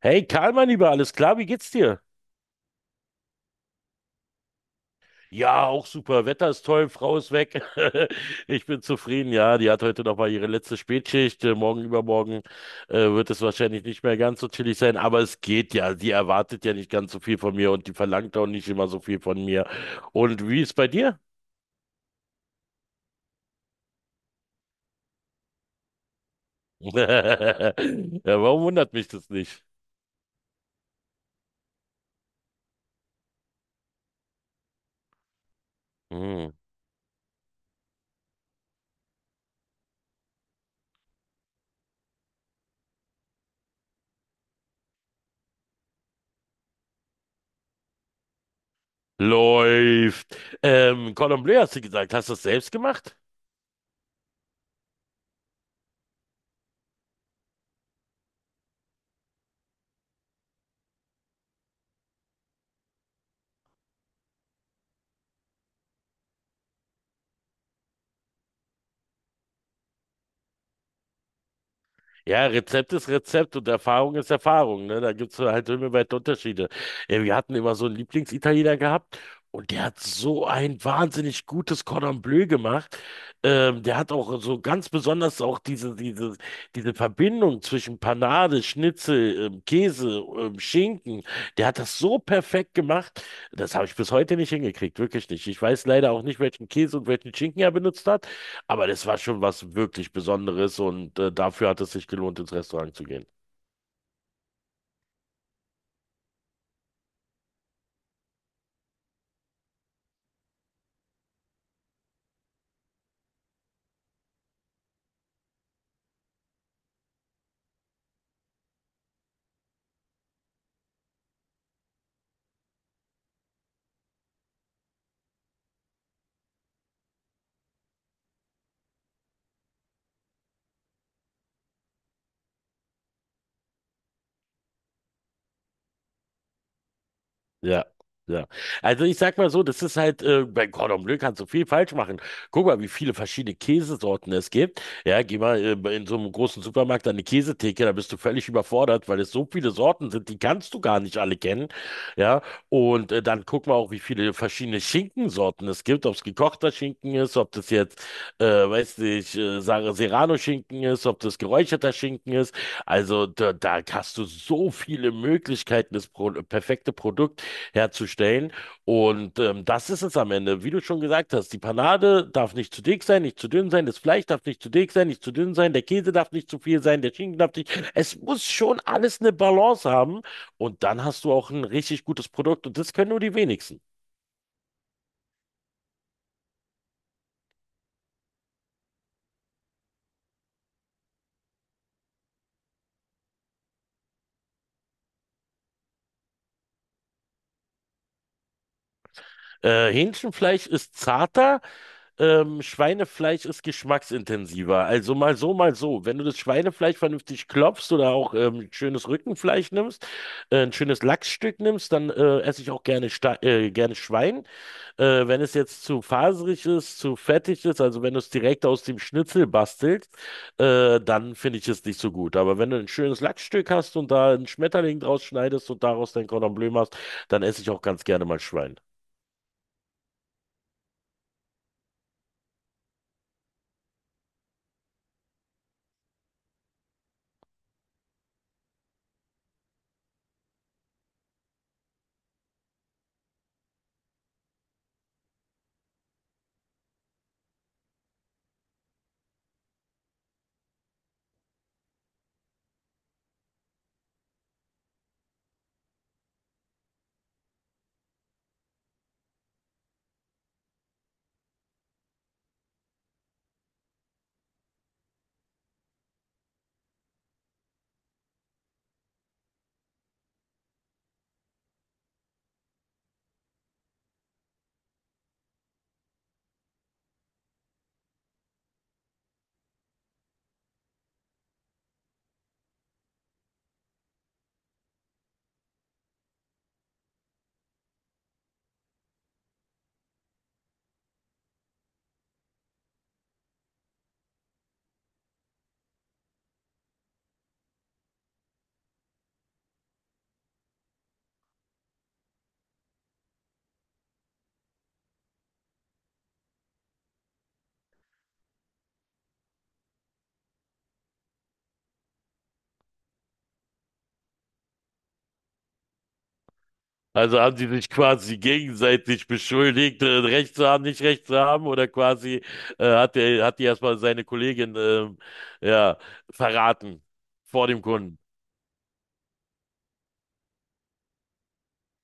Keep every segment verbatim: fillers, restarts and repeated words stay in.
Hey Karl, mein Lieber, alles klar, wie geht's dir? Ja, auch super. Wetter ist toll, Frau ist weg. Ich bin zufrieden. Ja, die hat heute noch mal ihre letzte Spätschicht. Äh, Morgen, übermorgen äh, wird es wahrscheinlich nicht mehr ganz so chillig sein, aber es geht ja. Sie erwartet ja nicht ganz so viel von mir und die verlangt auch nicht immer so viel von mir. Und wie ist bei dir? Ja, warum wundert mich das nicht? Hm. Läuft. Ähm, Cordon Bleu hast du gesagt. Hast du das selbst gemacht? Ja, Rezept ist Rezept und Erfahrung ist Erfahrung, ne? Da gibt's halt himmelweit Unterschiede. Ja, wir hatten immer so einen Lieblingsitaliener gehabt und der hat so ein wahnsinnig gutes Cordon Bleu gemacht. Ähm, der hat auch so ganz besonders auch diese, diese, diese Verbindung zwischen Panade, Schnitzel, ähm, Käse, ähm, Schinken. Der hat das so perfekt gemacht. Das habe ich bis heute nicht hingekriegt, wirklich nicht. Ich weiß leider auch nicht, welchen Käse und welchen Schinken er benutzt hat. Aber das war schon was wirklich Besonderes und äh, dafür hat es sich gelohnt, ins Restaurant zu gehen. Ja, ja. Also ich sag mal so, das ist halt, äh, bei Cordon Bleu kannst du viel falsch machen. Guck mal, wie viele verschiedene Käsesorten es gibt. Ja, geh mal äh, in so einem großen Supermarkt an eine Käsetheke, da bist du völlig überfordert, weil es so viele Sorten sind, die kannst du gar nicht alle kennen. Ja, und äh, dann guck mal auch, wie viele verschiedene Schinkensorten es gibt, ob es gekochter Schinken ist, ob das jetzt, äh, weiß nicht, äh, Sar- Serrano-Schinken ist, ob das geräucherter Schinken ist. Also da, da hast du so viele Möglichkeiten, das Pro perfekte Produkt herzustellen. Und ähm, das ist es am Ende. Wie du schon gesagt hast, die Panade darf nicht zu dick sein, nicht zu dünn sein, das Fleisch darf nicht zu dick sein, nicht zu dünn sein, der Käse darf nicht zu viel sein, der Schinken darf nicht. Es muss schon alles eine Balance haben. Und dann hast du auch ein richtig gutes Produkt. Und das können nur die wenigsten. Äh, Hähnchenfleisch ist zarter, ähm, Schweinefleisch ist geschmacksintensiver. Also mal so, mal so. Wenn du das Schweinefleisch vernünftig klopfst oder auch ähm, schönes Rückenfleisch nimmst, äh, ein schönes Lachsstück nimmst, dann äh, esse ich auch gerne, Sta- äh, gerne Schwein. Äh, wenn es jetzt zu faserig ist, zu fettig ist, also wenn du es direkt aus dem Schnitzel bastelst, äh, dann finde ich es nicht so gut. Aber wenn du ein schönes Lachsstück hast und da einen Schmetterling draus schneidest und daraus dein Cordon Bleu machst, dann esse ich auch ganz gerne mal Schwein. Also haben die sich quasi gegenseitig beschuldigt, äh, Recht zu haben, nicht Recht zu haben, oder quasi äh, hat der, hat die erstmal seine Kollegin ähm, ja, verraten vor dem Kunden.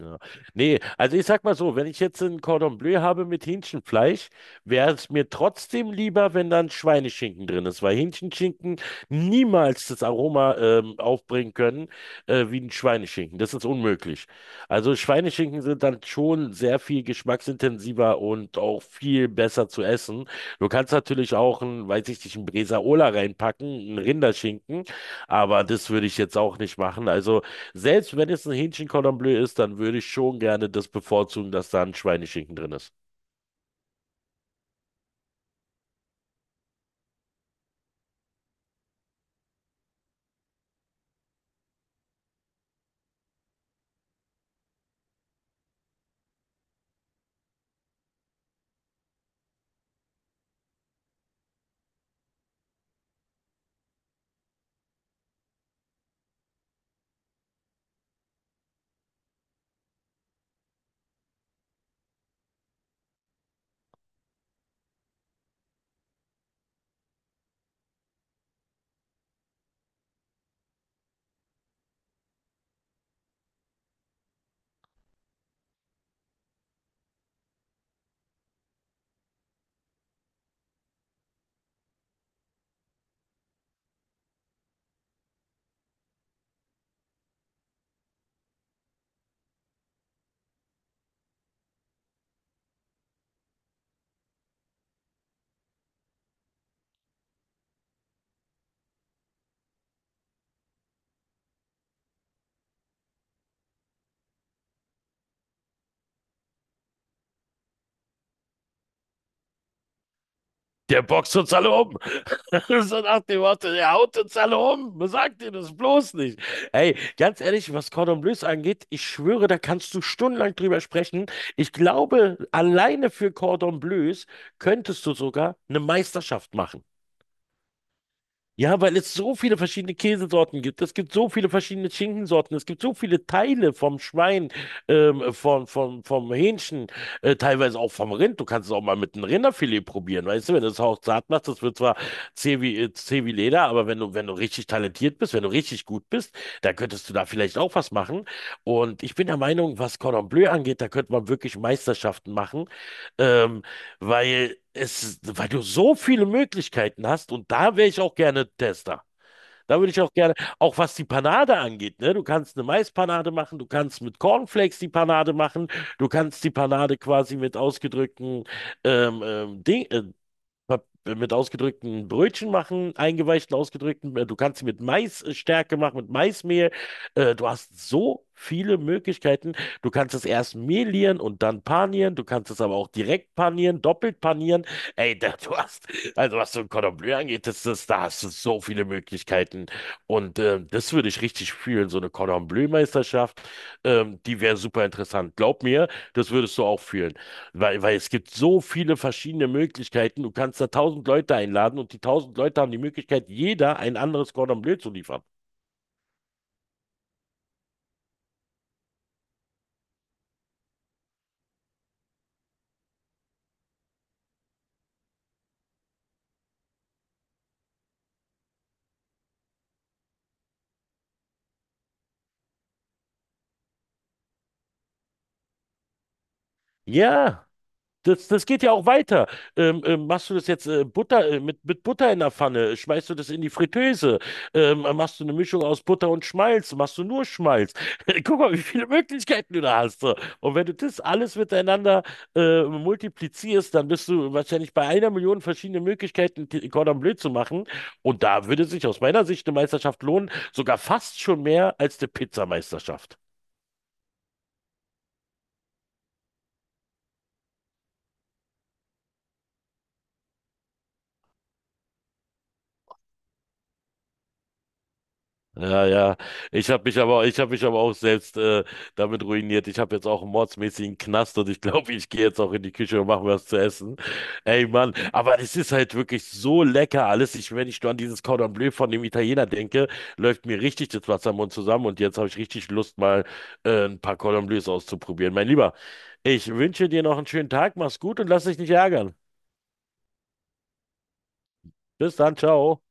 Ja. Nee, also ich sag mal so, wenn ich jetzt ein Cordon Bleu habe mit Hähnchenfleisch, wäre es mir trotzdem lieber, wenn dann Schweineschinken drin ist, weil Hähnchenschinken niemals das Aroma ähm, aufbringen können äh, wie ein Schweineschinken. Das ist unmöglich. Also Schweineschinken sind dann schon sehr viel geschmacksintensiver und auch viel besser zu essen. Du kannst natürlich auch ein, weiß ich nicht, ein Bresaola reinpacken, ein Rinderschinken, aber das würde ich jetzt auch nicht machen. Also selbst wenn es ein Hähnchen Cordon Bleu ist, dann würde ich schon gerne das bevorzugen, dass da ein Schweineschinken drin ist. Der boxt uns alle um. So nach dem Motto, der haut uns alle um. Sagt ihr das bloß nicht. Ey, ganz ehrlich, was Cordon Bleus angeht, ich schwöre, da kannst du stundenlang drüber sprechen. Ich glaube, alleine für Cordon Bleus könntest du sogar eine Meisterschaft machen. Ja, weil es so viele verschiedene Käsesorten gibt. Es gibt so viele verschiedene Schinkensorten. Es gibt so viele Teile vom Schwein, ähm, vom, vom, vom Hähnchen, äh, teilweise auch vom Rind. Du kannst es auch mal mit einem Rinderfilet probieren. Weißt du, wenn du es auch zart machst, das wird zwar zäh wie, äh, zäh wie Leder, aber wenn du, wenn du richtig talentiert bist, wenn du richtig gut bist, dann könntest du da vielleicht auch was machen. Und ich bin der Meinung, was Cordon Bleu angeht, da könnte man wirklich Meisterschaften machen. Ähm, Weil es, weil du so viele Möglichkeiten hast und da wäre ich auch gerne Tester. Da würde ich auch gerne, auch was die Panade angeht, ne? Du kannst eine Maispanade machen, du kannst mit Cornflakes die Panade machen, du kannst die Panade quasi mit ausgedrückten ähm, ähm, Ding, äh, hab äh, mit ausgedrückten Brötchen machen, eingeweichten ausgedrückten. äh, Du kannst sie mit Maisstärke machen, mit Maismehl. Äh, Du hast so viele Möglichkeiten. Du kannst es erst mehlieren und dann panieren. Du kannst es aber auch direkt panieren, doppelt panieren. Ey, da, du hast, also was so ein Cordon Bleu angeht, das, das, da hast du so viele Möglichkeiten. Und ähm, das würde ich richtig fühlen, so eine Cordon Bleu-Meisterschaft. Ähm, die wäre super interessant. Glaub mir, das würdest du auch fühlen. Weil, weil es gibt so viele verschiedene Möglichkeiten. Du kannst da tausend Leute einladen und die tausend Leute haben die Möglichkeit, jeder ein anderes Cordon Bleu zu liefern. Ja. Das, das geht ja auch weiter. Ähm, ähm, machst du das jetzt äh, Butter, äh, mit, mit Butter in der Pfanne? Schmeißt du das in die Fritteuse? Ähm, machst du eine Mischung aus Butter und Schmalz? Machst du nur Schmalz? Guck mal, wie viele Möglichkeiten du da hast. So. Und wenn du das alles miteinander äh, multiplizierst, dann bist du wahrscheinlich bei einer Million verschiedene Möglichkeiten, T- Cordon Bleu zu machen. Und da würde sich aus meiner Sicht eine Meisterschaft lohnen, sogar fast schon mehr als eine Pizzameisterschaft. Ja, ja. Ich habe mich aber, ich habe mich aber auch selbst äh, damit ruiniert. Ich habe jetzt auch einen mordsmäßigen Knast und ich glaube, ich gehe jetzt auch in die Küche und mache mir was zu essen. Ey, Mann, aber es ist halt wirklich so lecker alles. Ich, wenn ich nur an dieses Cordon Bleu von dem Italiener denke, läuft mir richtig das Wasser im Mund zusammen und jetzt habe ich richtig Lust, mal äh, ein paar Cordon Bleus auszuprobieren. Mein Lieber, ich wünsche dir noch einen schönen Tag, mach's gut und lass dich nicht ärgern. Bis dann, ciao.